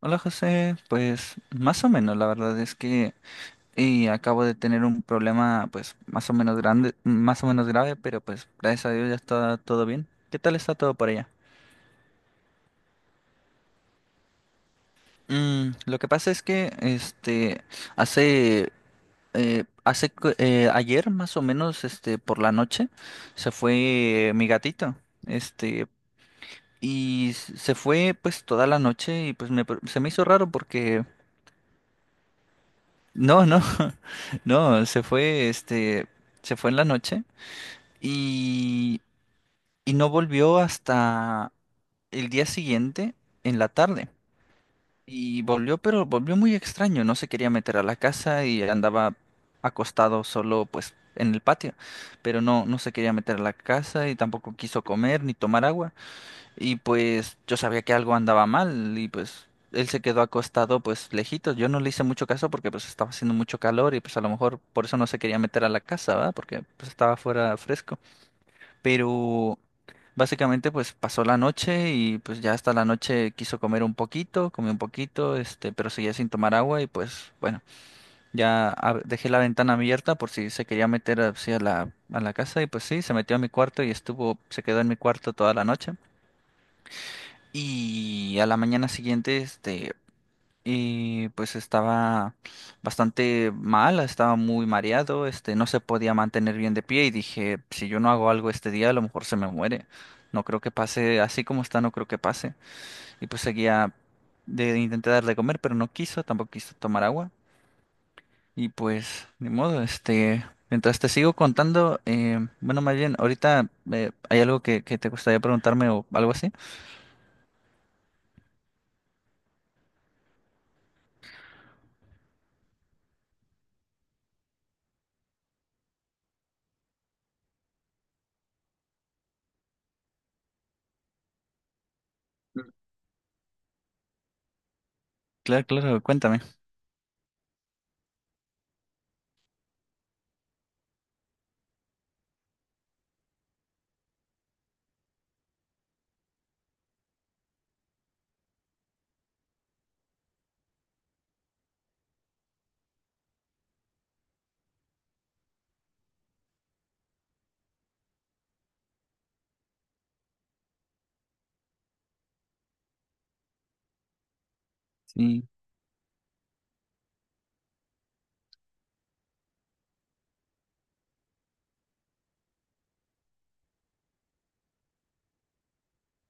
Hola José, pues más o menos, la verdad es que acabo de tener un problema pues más o menos grande, más o menos grave, pero pues gracias a Dios ya está todo bien. ¿Qué tal está todo por allá? Lo que pasa es que hace hace ayer más o menos por la noche se fue mi gatito. Este y se fue pues toda la noche y se me hizo raro porque no, no, no, se fue, se fue en la noche y, y no volvió hasta el día siguiente en la tarde. Y volvió, pero volvió muy extraño, no se quería meter a la casa y andaba acostado solo, pues, en el patio, pero no se quería meter a la casa y tampoco quiso comer ni tomar agua. Y pues yo sabía que algo andaba mal y pues él se quedó acostado pues lejito. Yo no le hice mucho caso porque pues estaba haciendo mucho calor y pues a lo mejor por eso no se quería meter a la casa, ¿verdad? Porque pues estaba fuera fresco. Pero básicamente pues pasó la noche y pues ya hasta la noche quiso comer un poquito, comió un poquito, pero seguía sin tomar agua y pues bueno, dejé la ventana abierta por si se quería meter así a a la casa y pues sí, se metió a mi cuarto y estuvo, se quedó en mi cuarto toda la noche. Y a la mañana siguiente, pues estaba bastante mal, estaba muy mareado, no se podía mantener bien de pie y dije, si yo no hago algo este día, a lo mejor se me muere. No creo que pase, así como está, no creo que pase. Y pues seguía, intenté darle de comer, pero no quiso, tampoco quiso tomar agua. Y pues, ni modo, mientras te sigo contando, bueno, más bien, ahorita hay algo que te gustaría preguntarme o algo así. Claro, claro, cuéntame. Sí.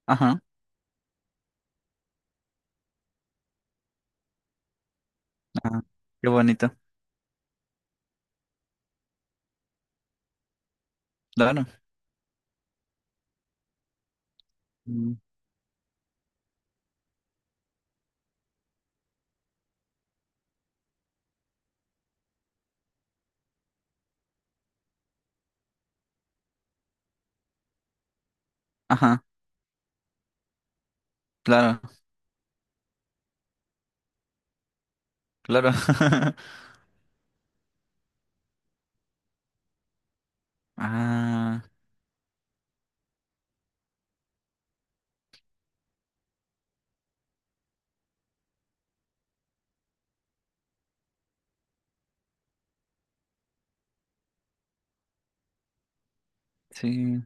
Ajá, ajá, qué bonito. Claro. Mm. Ajá, claro, claro. Ah, sí.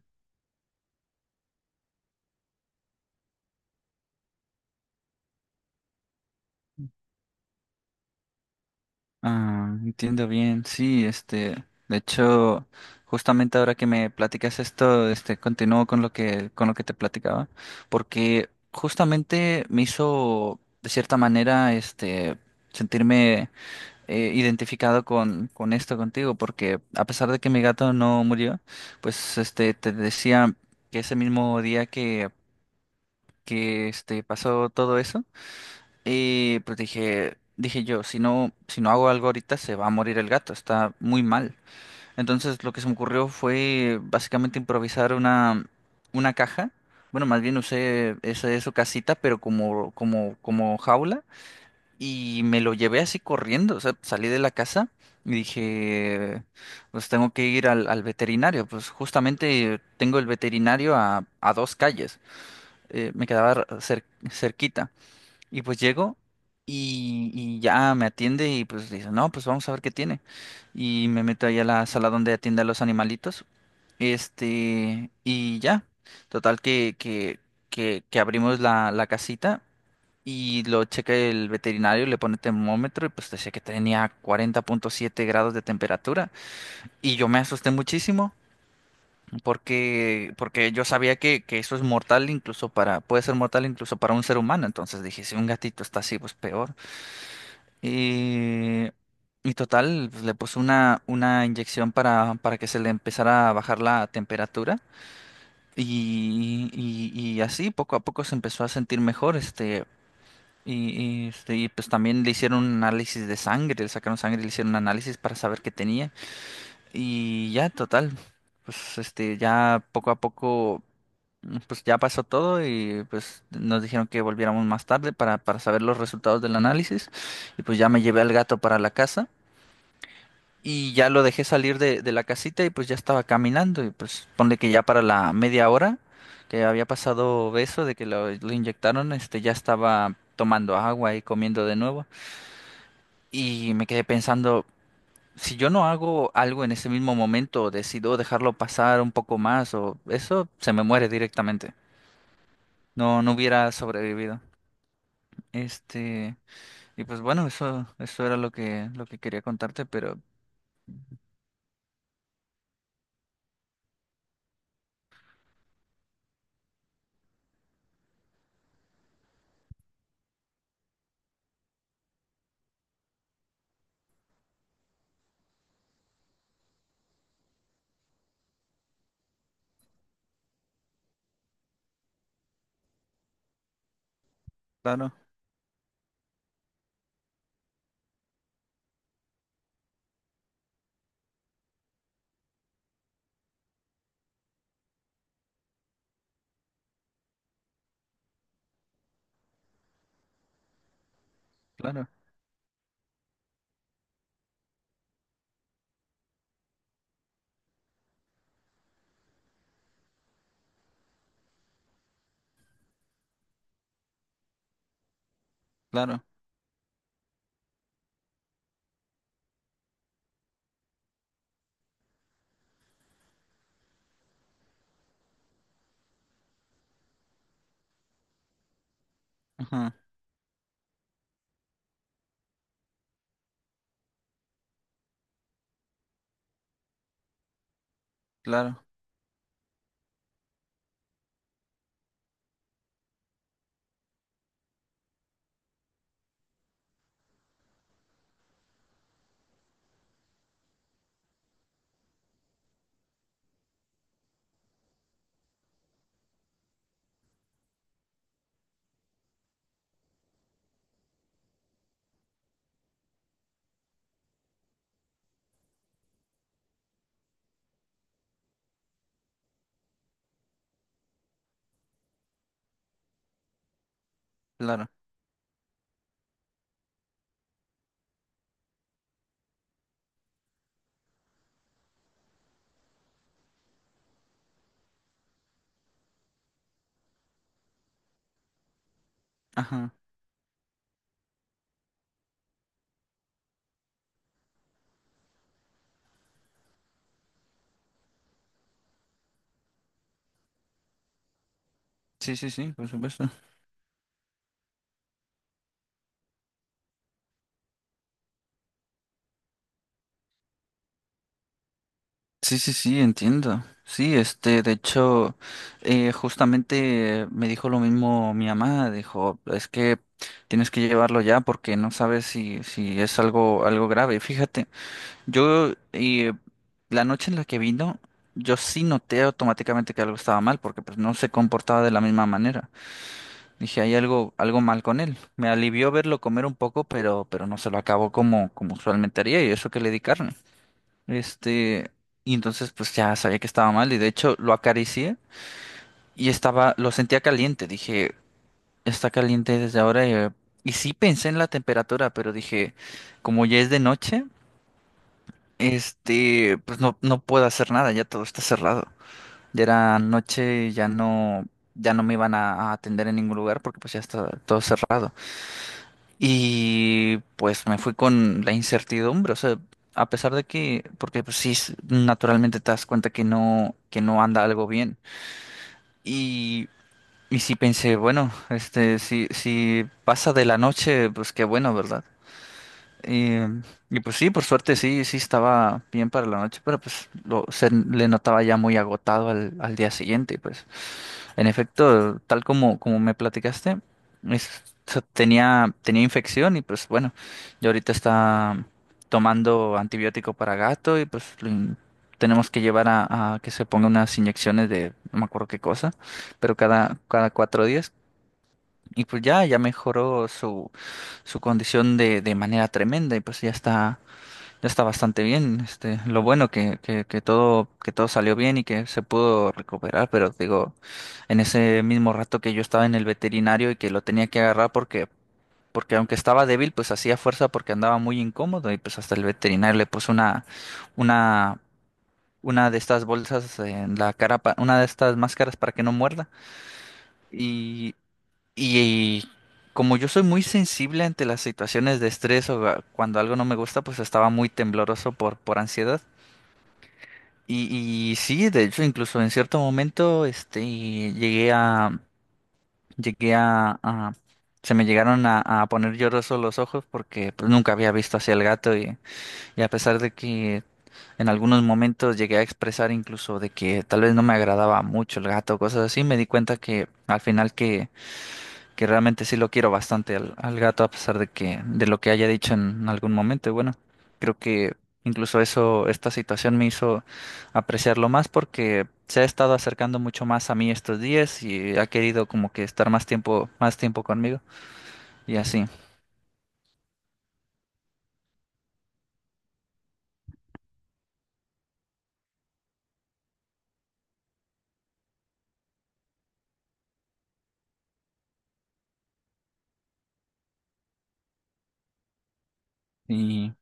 Ah, entiendo bien. Sí, de hecho, justamente ahora que me platicas esto, continúo con lo con lo que te platicaba, porque justamente me hizo, de cierta manera, sentirme identificado con esto contigo, porque a pesar de que mi gato no murió, pues te decía que ese mismo día que pasó todo eso, y pues dije, dije yo, si no hago algo ahorita se va a morir el gato, está muy mal. Entonces lo que se me ocurrió fue básicamente improvisar una caja. Bueno, más bien usé esa su casita, pero como jaula. Y me lo llevé así corriendo, o sea, salí de la casa y dije, pues tengo que ir al veterinario, pues justamente tengo el veterinario a dos calles, me quedaba cerquita, y pues llego y ya me atiende y pues dice, no, pues vamos a ver qué tiene, y me meto ahí a la sala donde atiende a los animalitos, y ya, total que abrimos la casita y lo checa el veterinario, le pone termómetro y pues decía que tenía 40.7 grados de temperatura. Y yo me asusté muchísimo porque yo sabía que eso es mortal incluso para, puede ser mortal incluso para un ser humano. Entonces dije, si un gatito está así, pues peor. Y, y total, pues, le puse una inyección para que se le empezara a bajar la temperatura. Y así poco a poco se empezó a sentir mejor. Este. Pues también le hicieron un análisis de sangre, le sacaron sangre y le hicieron un análisis para saber qué tenía. Y ya, total, pues ya poco a poco, pues ya pasó todo y pues nos dijeron que volviéramos más tarde para saber los resultados del análisis. Y pues ya me llevé al gato para la casa y ya lo dejé salir de la casita y pues ya estaba caminando y pues ponle que ya para la media hora que había pasado eso de que lo inyectaron, ya estaba tomando agua y comiendo de nuevo. Y me quedé pensando, si yo no hago algo en ese mismo momento, decido dejarlo pasar un poco más o eso se me muere directamente. No, no hubiera sobrevivido. Este, y pues bueno, eso era lo lo que quería contarte, pero claro, claro, claro, ajá, claro, claro, ajá. Sí, sí, sí, por supuesto. Sí, sí, sí, entiendo. Sí, de hecho, justamente me dijo lo mismo mi mamá, dijo, es que tienes que llevarlo ya porque no sabes si es algo, algo grave. Fíjate, yo la noche en la que vino, yo sí noté automáticamente que algo estaba mal porque pues no se comportaba de la misma manera. Dije, hay algo, algo mal con él. Me alivió verlo comer un poco, pero no se lo acabó como usualmente haría y eso que le di carne. Este, y entonces pues ya sabía que estaba mal y de hecho lo acaricié y estaba, lo sentía caliente. Dije, está caliente desde ahora. Sí pensé en la temperatura, pero dije, como ya es de noche, pues no, no puedo hacer nada, ya todo está cerrado. Ya era noche, ya no, ya no me iban a atender en ningún lugar porque pues ya está todo cerrado. Y pues me fui con la incertidumbre, o sea, a pesar de que, porque pues sí, naturalmente te das cuenta que no anda algo bien. Y, y sí pensé, bueno, si, si pasa de la noche, pues qué bueno, ¿verdad? Y, y pues sí, por suerte sí, sí estaba bien para la noche, pero pues lo, se le notaba ya muy agotado al día siguiente, pues. En efecto, tal como me platicaste, es- o sea, tenía infección y pues bueno, yo ahorita está tomando antibiótico para gato y pues tenemos que llevar a que se ponga unas inyecciones de no me acuerdo qué cosa, pero cada 4 días. Y pues ya, ya mejoró su, su condición de manera tremenda y pues ya está, está bastante bien, lo bueno que todo salió bien y que se pudo recuperar, pero digo, en ese mismo rato que yo estaba en el veterinario y que lo tenía que agarrar porque, porque aunque estaba débil, pues hacía fuerza porque andaba muy incómodo y pues hasta el veterinario le puso una, una de estas bolsas en la cara, una de estas máscaras para que no muerda. Y, y como yo soy muy sensible ante las situaciones de estrés o cuando algo no me gusta, pues estaba muy tembloroso por ansiedad. Y sí, de hecho, incluso en cierto momento, llegué a, llegué a, a- se me llegaron a poner llorosos los ojos porque pues, nunca había visto hacia el gato y a pesar de que en algunos momentos llegué a expresar incluso de que tal vez no me agradaba mucho el gato, cosas así, me di cuenta que al final que realmente sí lo quiero bastante al gato, a pesar de que, de lo que haya dicho en algún momento. Y bueno, creo que incluso esta situación me hizo apreciarlo más porque se ha estado acercando mucho más a mí estos días y ha querido como que estar más tiempo conmigo y así. Y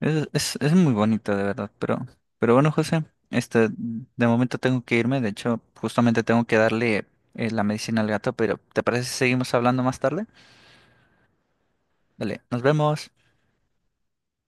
es muy bonito, de verdad. Pero bueno, José, de momento tengo que irme. De hecho, justamente tengo que darle la medicina al gato, pero ¿te parece si seguimos hablando más tarde? Dale, nos vemos.